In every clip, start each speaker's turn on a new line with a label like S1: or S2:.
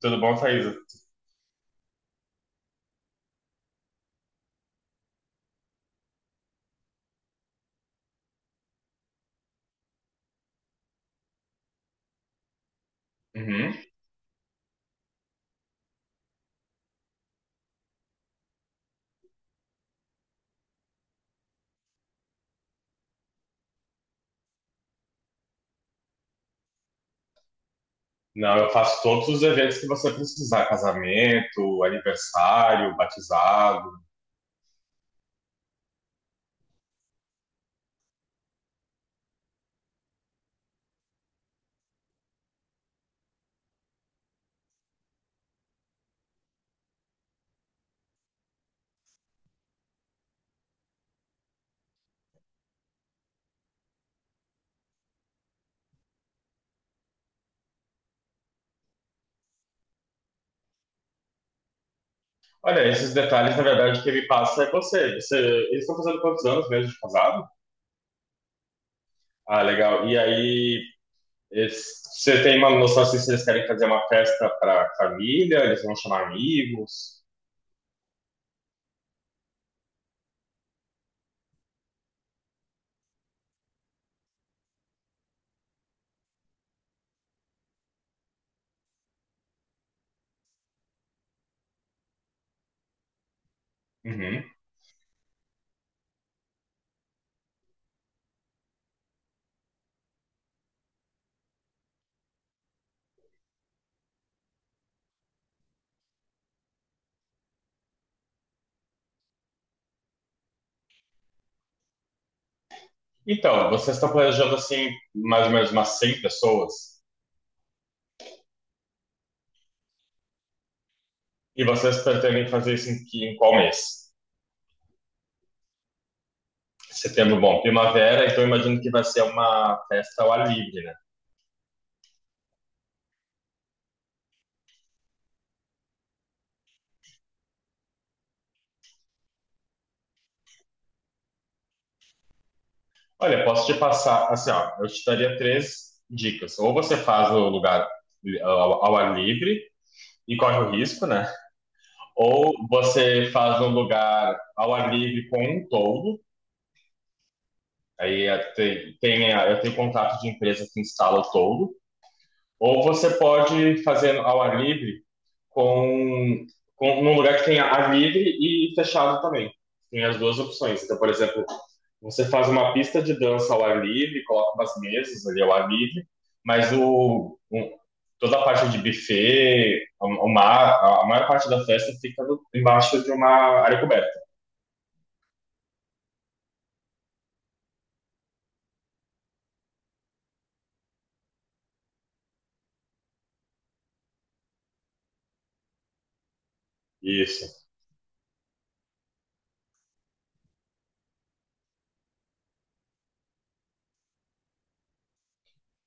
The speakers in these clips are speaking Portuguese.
S1: Tudo bom, Thaisa? Uhum. Não, eu faço todos os eventos que você precisar, casamento, aniversário, batizado. Olha, esses detalhes, na verdade, quem me passa é você. Eles estão fazendo quantos anos mesmo de casado? Ah, legal. E aí, você tem uma noção assim, se eles querem fazer uma festa para família, eles vão chamar amigos? Uhum. Então, vocês estão planejando assim, mais ou menos umas 100 pessoas? E vocês pretendem fazer isso em, em qual mês? Setembro, bom, primavera, então imagino que vai ser uma festa ao ar livre, né? Olha, posso te passar, assim, ó, eu te daria três dicas. Ou você faz o lugar ao ar livre e corre o risco, né? Ou você faz um lugar ao ar livre com um toldo, aí eu tenho contato de empresa que instala o toldo. Ou você pode fazer ao ar livre com, com num lugar que tenha ar livre e fechado também. Tem as duas opções. Então, por exemplo, você faz uma pista de dança ao ar livre, coloca umas mesas ali ao ar livre, mas toda a parte de buffet, a maior parte da festa fica embaixo de uma área coberta. Isso.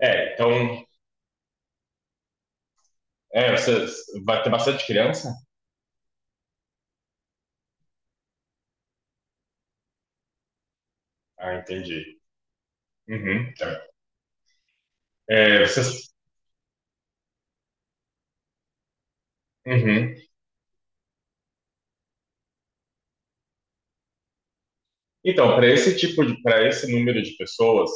S1: É, então, você vai ter bastante criança? Ah, entendi. Uhum, tá. É, vocês, uhum. Então, para esse número de pessoas,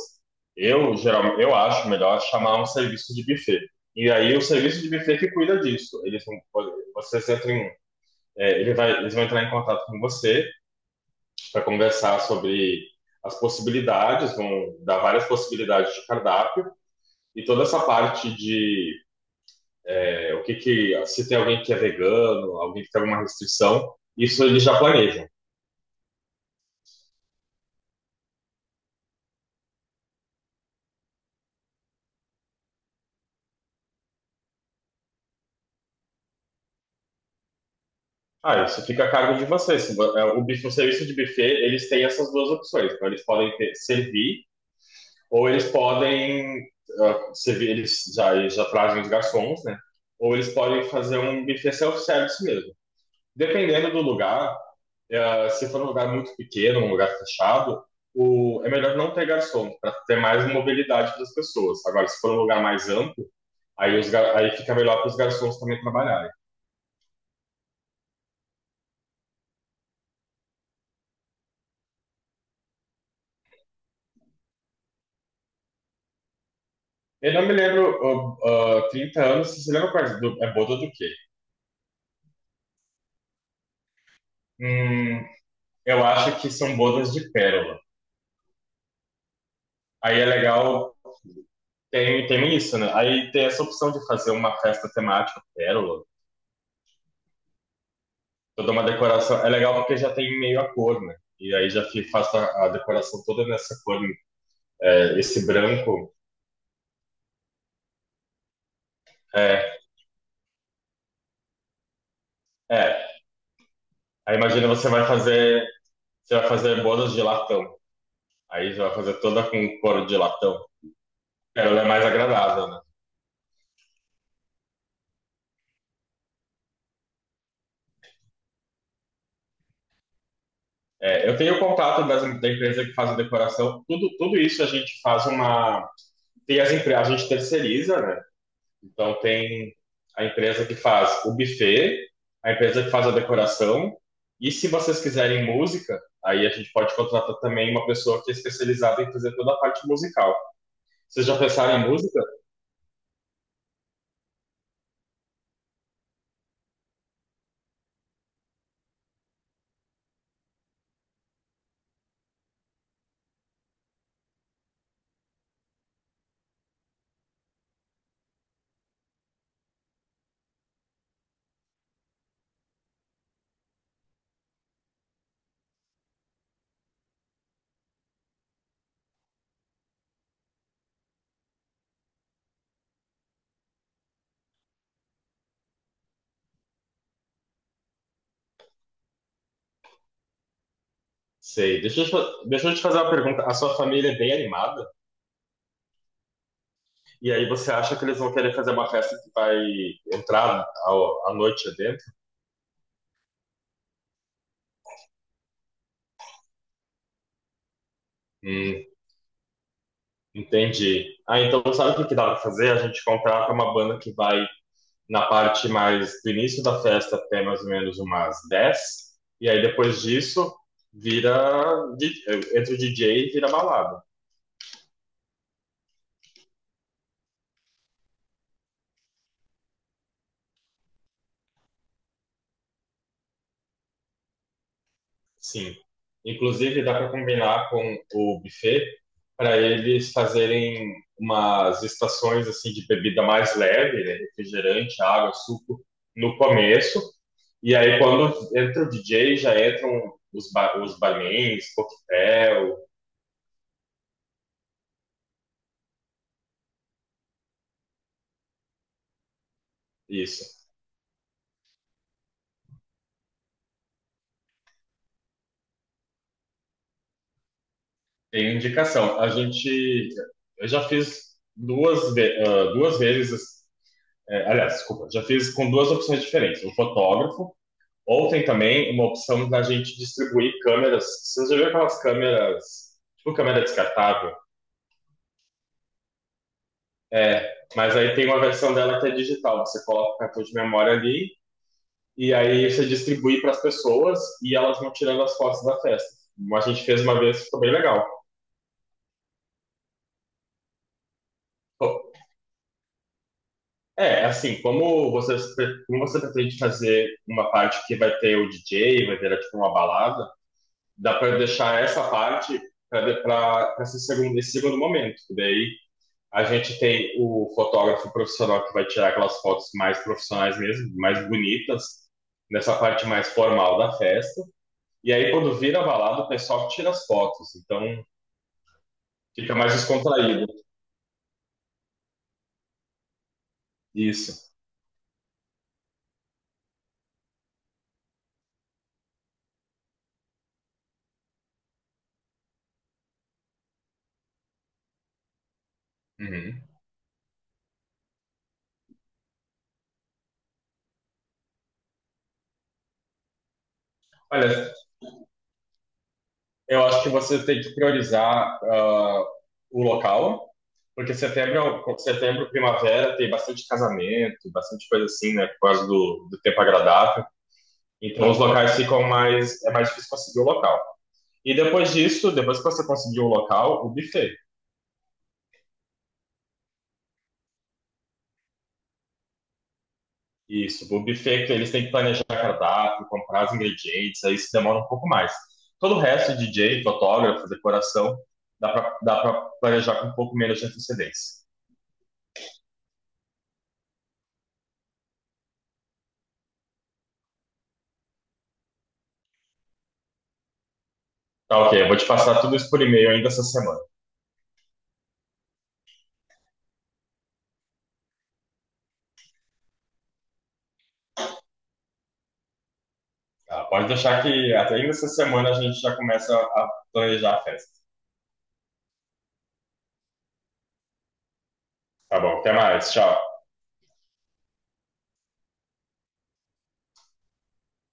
S1: eu acho melhor chamar um serviço de buffet. E aí o serviço de buffet que cuida disso. Eles vão, vocês entram, Eles vão entrar em contato com você para conversar sobre as possibilidades, vão dar várias possibilidades de cardápio e toda essa parte de o que que se tem alguém que é vegano, alguém que tem alguma restrição, isso eles já planejam. Ah, isso fica a cargo de vocês. Se vo- é, O buf- o serviço de buffet, eles têm essas duas opções. Então, eles podem servir ou eles podem servir, eles já trazem os garçons, né? Ou eles podem fazer um buffet self-service mesmo. Dependendo do lugar, se for um lugar muito pequeno, um lugar fechado, é melhor não ter garçom para ter mais mobilidade das pessoas. Agora, se for um lugar mais amplo, aí fica melhor para os garçons também trabalharem. Eu não me lembro 30 anos, você se lembra quais? É boda do quê? Hum, eu acho que são bodas de pérola. Aí é legal, tem isso, né? Aí tem essa opção de fazer uma festa temática pérola, toda uma decoração. É legal porque já tem meio a cor, né? E aí faço a decoração toda nessa cor, né? Esse branco. É, é. Aí imagina você vai fazer bodas de latão. Aí já vai fazer toda com couro de latão. Pérola é mais agradável, né? É, eu tenho contato da empresa que faz a decoração. Tudo, tudo isso a gente faz uma. Tem as empresas, a gente terceiriza, né? Então tem a empresa que faz o buffet, a empresa que faz a decoração. E se vocês quiserem música, aí a gente pode contratar também uma pessoa que é especializada em fazer toda a parte musical. Vocês já pensaram em música? Sei. Deixa eu te fazer uma pergunta. A sua família é bem animada? E aí você acha que eles vão querer fazer uma festa que vai entrar à noite dentro? Entendi. Ah, então sabe o que que dá para fazer? A gente contrata uma banda que vai na parte mais do início da festa até mais ou menos umas 10, e aí depois disso vira, di- entra o DJ e vira balada. Sim. Inclusive, dá para combinar com o buffet para eles fazerem umas estações assim de bebida mais leve, né? Refrigerante, água, suco, no começo. E aí, quando entra o DJ, já entram os barmans, coquetel, isso. Tem indicação. Eu já fiz duas vezes, aliás, desculpa, já fiz com duas opções diferentes. O fotógrafo Ontem também, uma opção da gente distribuir câmeras. Vocês já viram aquelas câmeras, tipo câmera descartável? É, mas aí tem uma versão dela que é digital. Você coloca o cartão de memória ali e aí você distribui para as pessoas e elas vão tirando as fotos da festa. Como a gente fez uma vez, ficou bem legal. É, assim, como você pretende fazer uma parte que vai ter o DJ, vai ter tipo uma balada, dá para deixar essa parte para esse segundo momento, que daí a gente tem o fotógrafo profissional que vai tirar aquelas fotos mais profissionais mesmo, mais bonitas, nessa parte mais formal da festa. E aí, quando vira balada, o pessoal tira as fotos. Então, fica mais descontraído. Isso. Uhum. Olha, eu acho que você tem que priorizar o local, porque setembro, primavera, tem bastante casamento, bastante coisa assim, né? Por causa do tempo agradável. Então, os locais ficam mais. É mais difícil conseguir o local. E depois disso, depois que você conseguiu o local, o buffet. Isso, o buffet que eles têm que planejar cardápio, comprar os ingredientes, aí isso demora um pouco mais. Todo o resto, DJ, fotógrafo, decoração, dá pra planejar com um pouco menos de antecedência. Tá ok, eu vou te passar tudo isso por e-mail ainda essa semana. Tá, pode deixar que até ainda essa semana a gente já começa a planejar a festa. Tá bom, até mais, tchau.